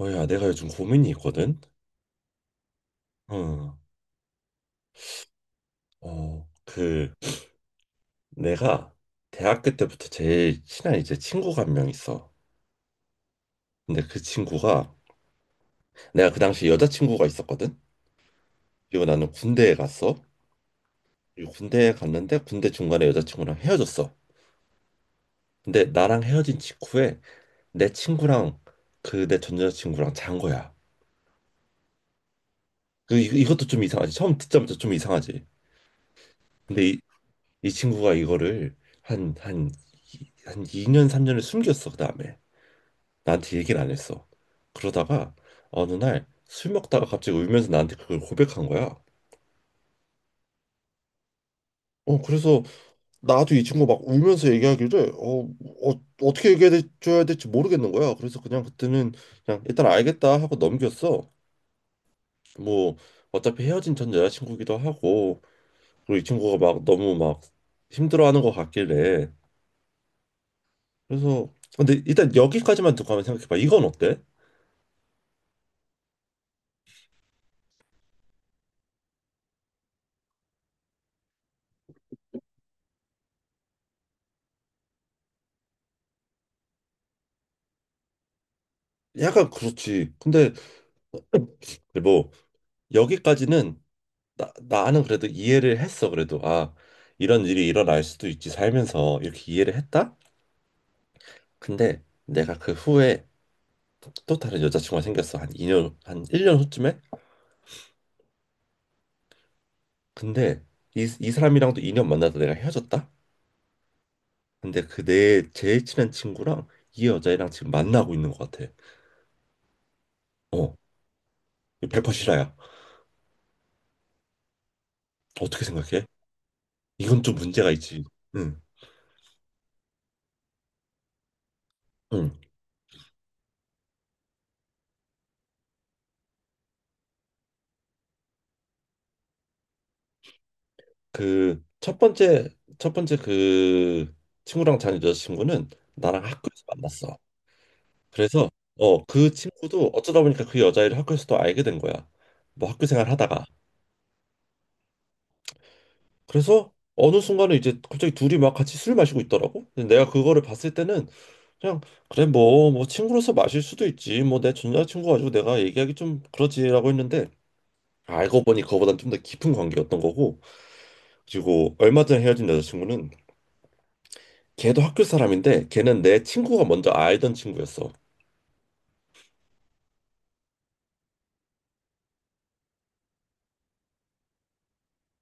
야, 내가 요즘 고민이 있거든? 어, 어, 그, 내가 대학교 때부터 제일 친한 이제 친구가 한 명 있어. 근데 그 친구가, 내가 그 당시 여자친구가 있었거든? 그리고 나는 군대에 갔어. 그리고 군대에 갔는데 군대 중간에 여자친구랑 헤어졌어. 근데 나랑 헤어진 직후에 내 친구랑 그 내 전 여자친구랑 잔 거야. 그, 이것도 좀 이상하지. 처음 듣자마자 좀 이상하지. 근데 이 친구가 이거를 한, 한, 한 2년, 3년을 숨겼어, 그 다음에. 나한테 얘기를 안 했어. 그러다가 어느 날 술 먹다가 갑자기 울면서 나한테 그걸 고백한 거야. 그래서 나도 이 친구 막 울면서 얘기하기를 어떻게 얘기해 줘야 될지 모르겠는 거야. 그래서 그냥 그때는 그냥 일단 알겠다 하고 넘겼어. 뭐 어차피 헤어진 전 여자친구기도 하고 그리고 이 친구가 막 너무 막 힘들어하는 것 같길래 그래서 근데 일단 여기까지만 듣고 한번 생각해봐. 이건 어때? 약간 그렇지. 근데 뭐 여기까지는 나는 그래도 이해를 했어. 그래도 아 이런 일이 일어날 수도 있지 살면서 이렇게 이해를 했다. 근데 내가 그 후에 또, 다른 여자친구가 생겼어. 한 이 년한 1년 후쯤에. 근데 이 사람이랑도 2년 만나다 내가 헤어졌다. 근데 그 내 제일 친한 친구랑 이 여자애랑 지금 만나고 있는 것 같아. 어, 1퍼시 실화야. 어떻게 생각해? 이건 좀 문제가 있지. 응, 응. 그 첫 번째 그 친구랑 잔 여자친구는 나랑 학교에서 만났어. 그래서 그 친구도 어쩌다 보니까 그 여자애를 학교에서 또 알게 된 거야. 뭐 학교 생활 하다가. 그래서 어느 순간에 이제 갑자기 둘이 막 같이 술 마시고 있더라고. 근데 내가 그거를 봤을 때는 그냥 그래 뭐 친구로서 마실 수도 있지. 뭐 내 전 여자친구 가지고 내가 얘기하기 좀 그러지라고 했는데 알고 보니 그거보단 좀 더 깊은 관계였던 거고. 그리고 얼마 전에 헤어진 여자친구는 걔도 학교 사람인데 걔는 내 친구가 먼저 알던 친구였어.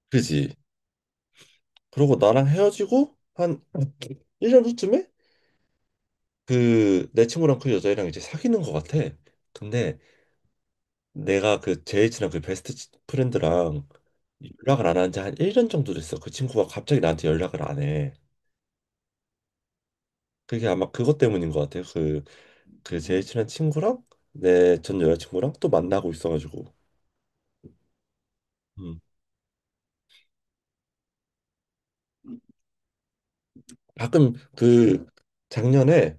그지? 그러고 나랑 헤어지고 한 1년 후쯤에 그 내 친구랑 그 여자애랑 이제 사귀는 것 같아. 근데 내가 그 제일 친한 그 베스트 프렌드랑 연락을 안 한 지 한 1년 정도 됐어. 그 친구가 갑자기 나한테 연락을 안 해. 그게 아마 그것 때문인 것 같아. 그 제일 친한 친구랑 내 전 여자친구랑 또 만나고 있어가지고. 음. 가끔 그 작년에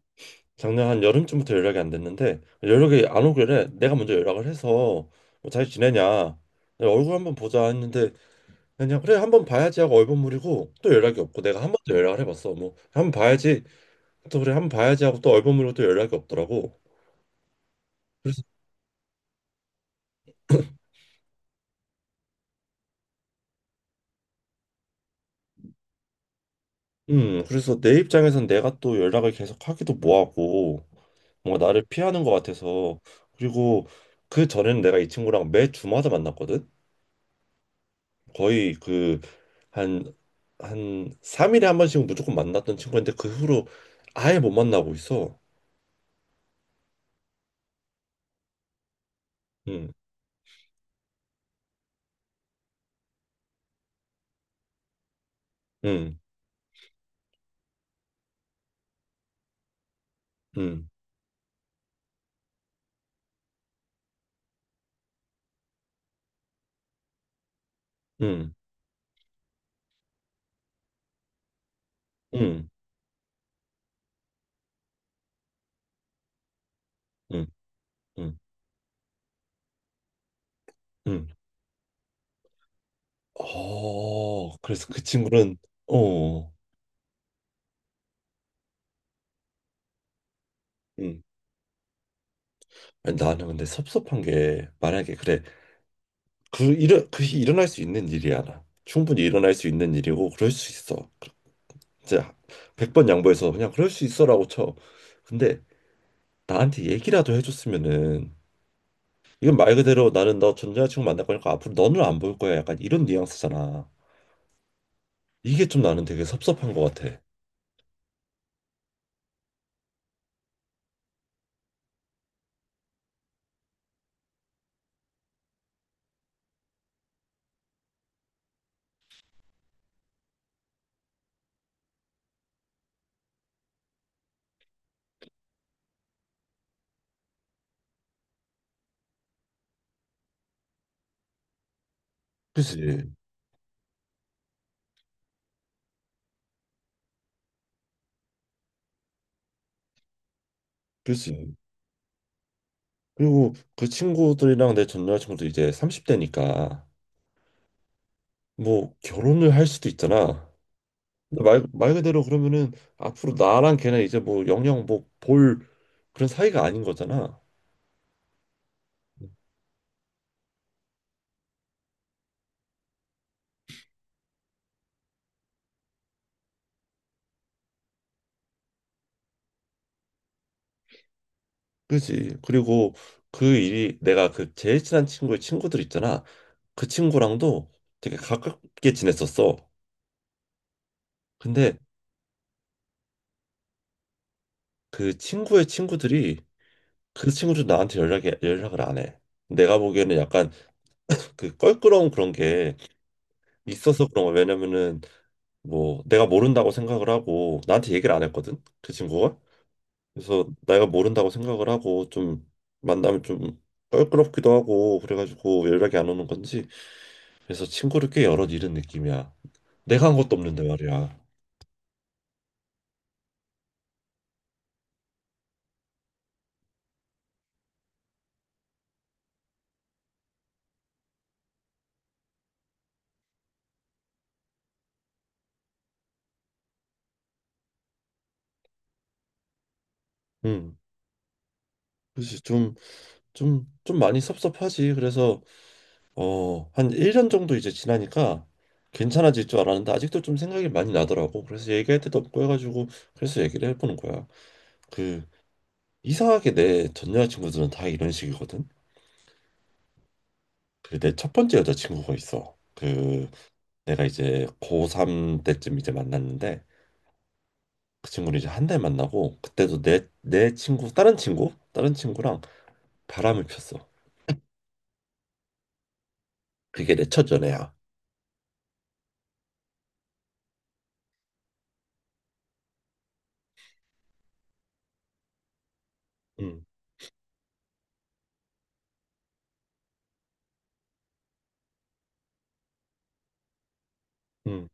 작년 한 여름쯤부터 연락이 안 됐는데 연락이 안 오길래 내가 먼저 연락을 해서 뭐 잘 지내냐 얼굴 한번 보자 했는데 그냥 그래 한 번 봐야지 하고 얼버무리고 또 연락이 없고 내가 한 번 더 연락을 해봤어 뭐 한 번 봐야지 또 그래 한 번 봐야지 하고 또 얼버무리고 또 연락이 없더라고 그래서 그래서 내 입장에선 내가 또 연락을 계속 하기도 뭐하고 뭔가 나를 피하는 것 같아서 그리고 그 전에는 내가 이 친구랑 매 주마다 만났거든 거의 그 한 한 3일에 한 번씩 무조건 만났던 친구인데 그 후로 아예 못 만나고 있어 음 음 음 음 음 음 음 음 음. 그래서 그 친구는 어, 음. 아니, 나는 근데 섭섭한 게 만약에 그래 그 일어 그것이 일어날 수 있는 일이야 나. 충분히 일어날 수 있는 일이고 그럴 수 있어. 이제 백 번 양보해서 그냥 그럴 수 있어라고 쳐. 근데 나한테 얘기라도 해줬으면은 이건 말 그대로 나는 너 전 여자친구 만날 거니까 앞으로 너는 안 볼 거야 약간 이런 뉘앙스잖아. 이게 좀 나는 되게 섭섭한 것 같아. 그치, 그치. 그리고 그 친구들이랑 내 전 여자친구도 이제 삼십대니까 뭐 결혼을 할 수도 있잖아. 근데 말 그대로 그러면은 앞으로 나랑 걔는 이제 뭐 영영 뭐 볼 그런 사이가 아닌 거잖아. 그지? 그리고 그 일이 내가 그 제일 친한 친구의 친구들 있잖아. 그 친구랑도 되게 가깝게 지냈었어. 근데 그 친구의 친구들이 그 친구들 나한테 연락이 연락을 안 해. 내가 보기에는 약간 그 껄끄러운 그런 게 있어서 그런 거. 왜냐면은 뭐 내가 모른다고 생각을 하고 나한테 얘기를 안 했거든 그 친구가 그래서 내가 모른다고 생각을 하고 좀 만나면 좀 껄끄럽기도 하고 그래가지고 연락이 안 오는 건지 그래서 친구를 꽤 여럿 잃은 느낌이야 내가 한 것도 없는데 말이야 음 그렇지 좀 많이 섭섭하지 그래서 한 1년 정도 이제 지나니까 괜찮아질 줄 알았는데 아직도 좀 생각이 많이 나더라고 그래서 얘기할 때도 없고 해가지고 그래서 얘기를 해보는 거야 그 이상하게 내 전 여자친구들은 다 이런 식이거든. 그 내 첫 번째 여자친구가 있어. 그 내가 이제 고3 때쯤 이제 만났는데 그 친구를 이제 한 달 만나고 그때도 내 친구 다른 친구랑 바람을 폈어. 그게 내 첫 연애야. 응, 응,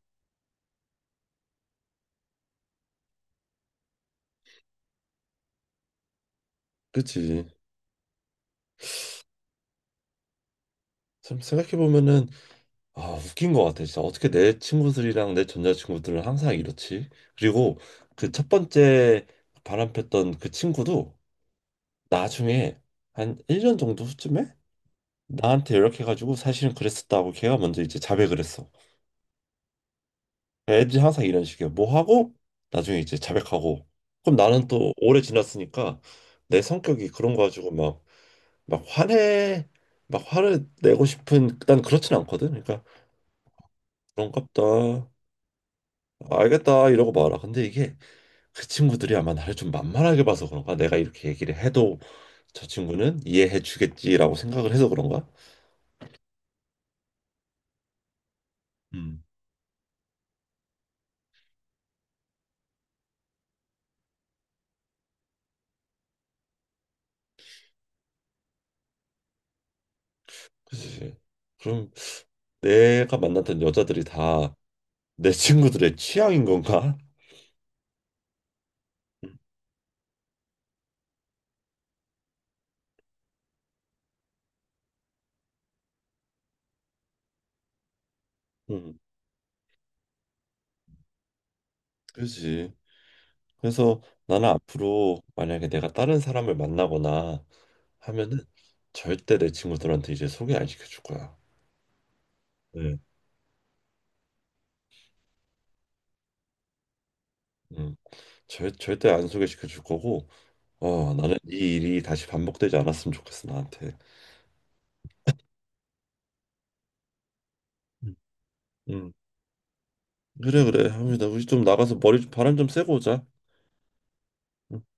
그치. 참 생각해 보면은 아 웃긴 것 같아. 진짜 어떻게 내 친구들이랑 내 전 여자친구들은 항상 이렇지? 그리고 그 첫 번째 바람 폈던 그 친구도 나중에 한 1년 정도 후쯤에 나한테 연락해가지고 사실은 그랬었다고 걔가 먼저 이제 자백을 했어. 애들이 항상 이런 식이야. 뭐 하고 나중에 이제 자백하고. 그럼 나는 또 오래 지났으니까 내 성격이 그런 거 가지고 막 화내 막 화를 내고 싶은 난 그렇진 않거든. 그러니까 그런갑다. 알겠다 이러고 말아. 근데 이게 그 친구들이 아마 나를 좀 만만하게 봐서 그런가? 내가 이렇게 얘기를 해도 저 친구는 이해해 주겠지라고 생각을 해서 그런가? 음. 그치. 그럼 내가 만났던 여자들이 다 내 친구들의 취향인 건가? 음, 음, 그지. 그래서 나는 앞으로 만약에 내가 다른 사람을 만나거나 하면은 절대 내 친구들한테 이제 소개 안 시켜줄 거야. 네. 음, 절대 안 소개시켜 줄 거고, 나는 이 일이 다시 반복되지 않았으면 좋겠어, 나한테. 음. 음. 그래, 그래. 합니다. 우리 좀 나가서 머리 좀 바람 좀 쐬고 오자. 음.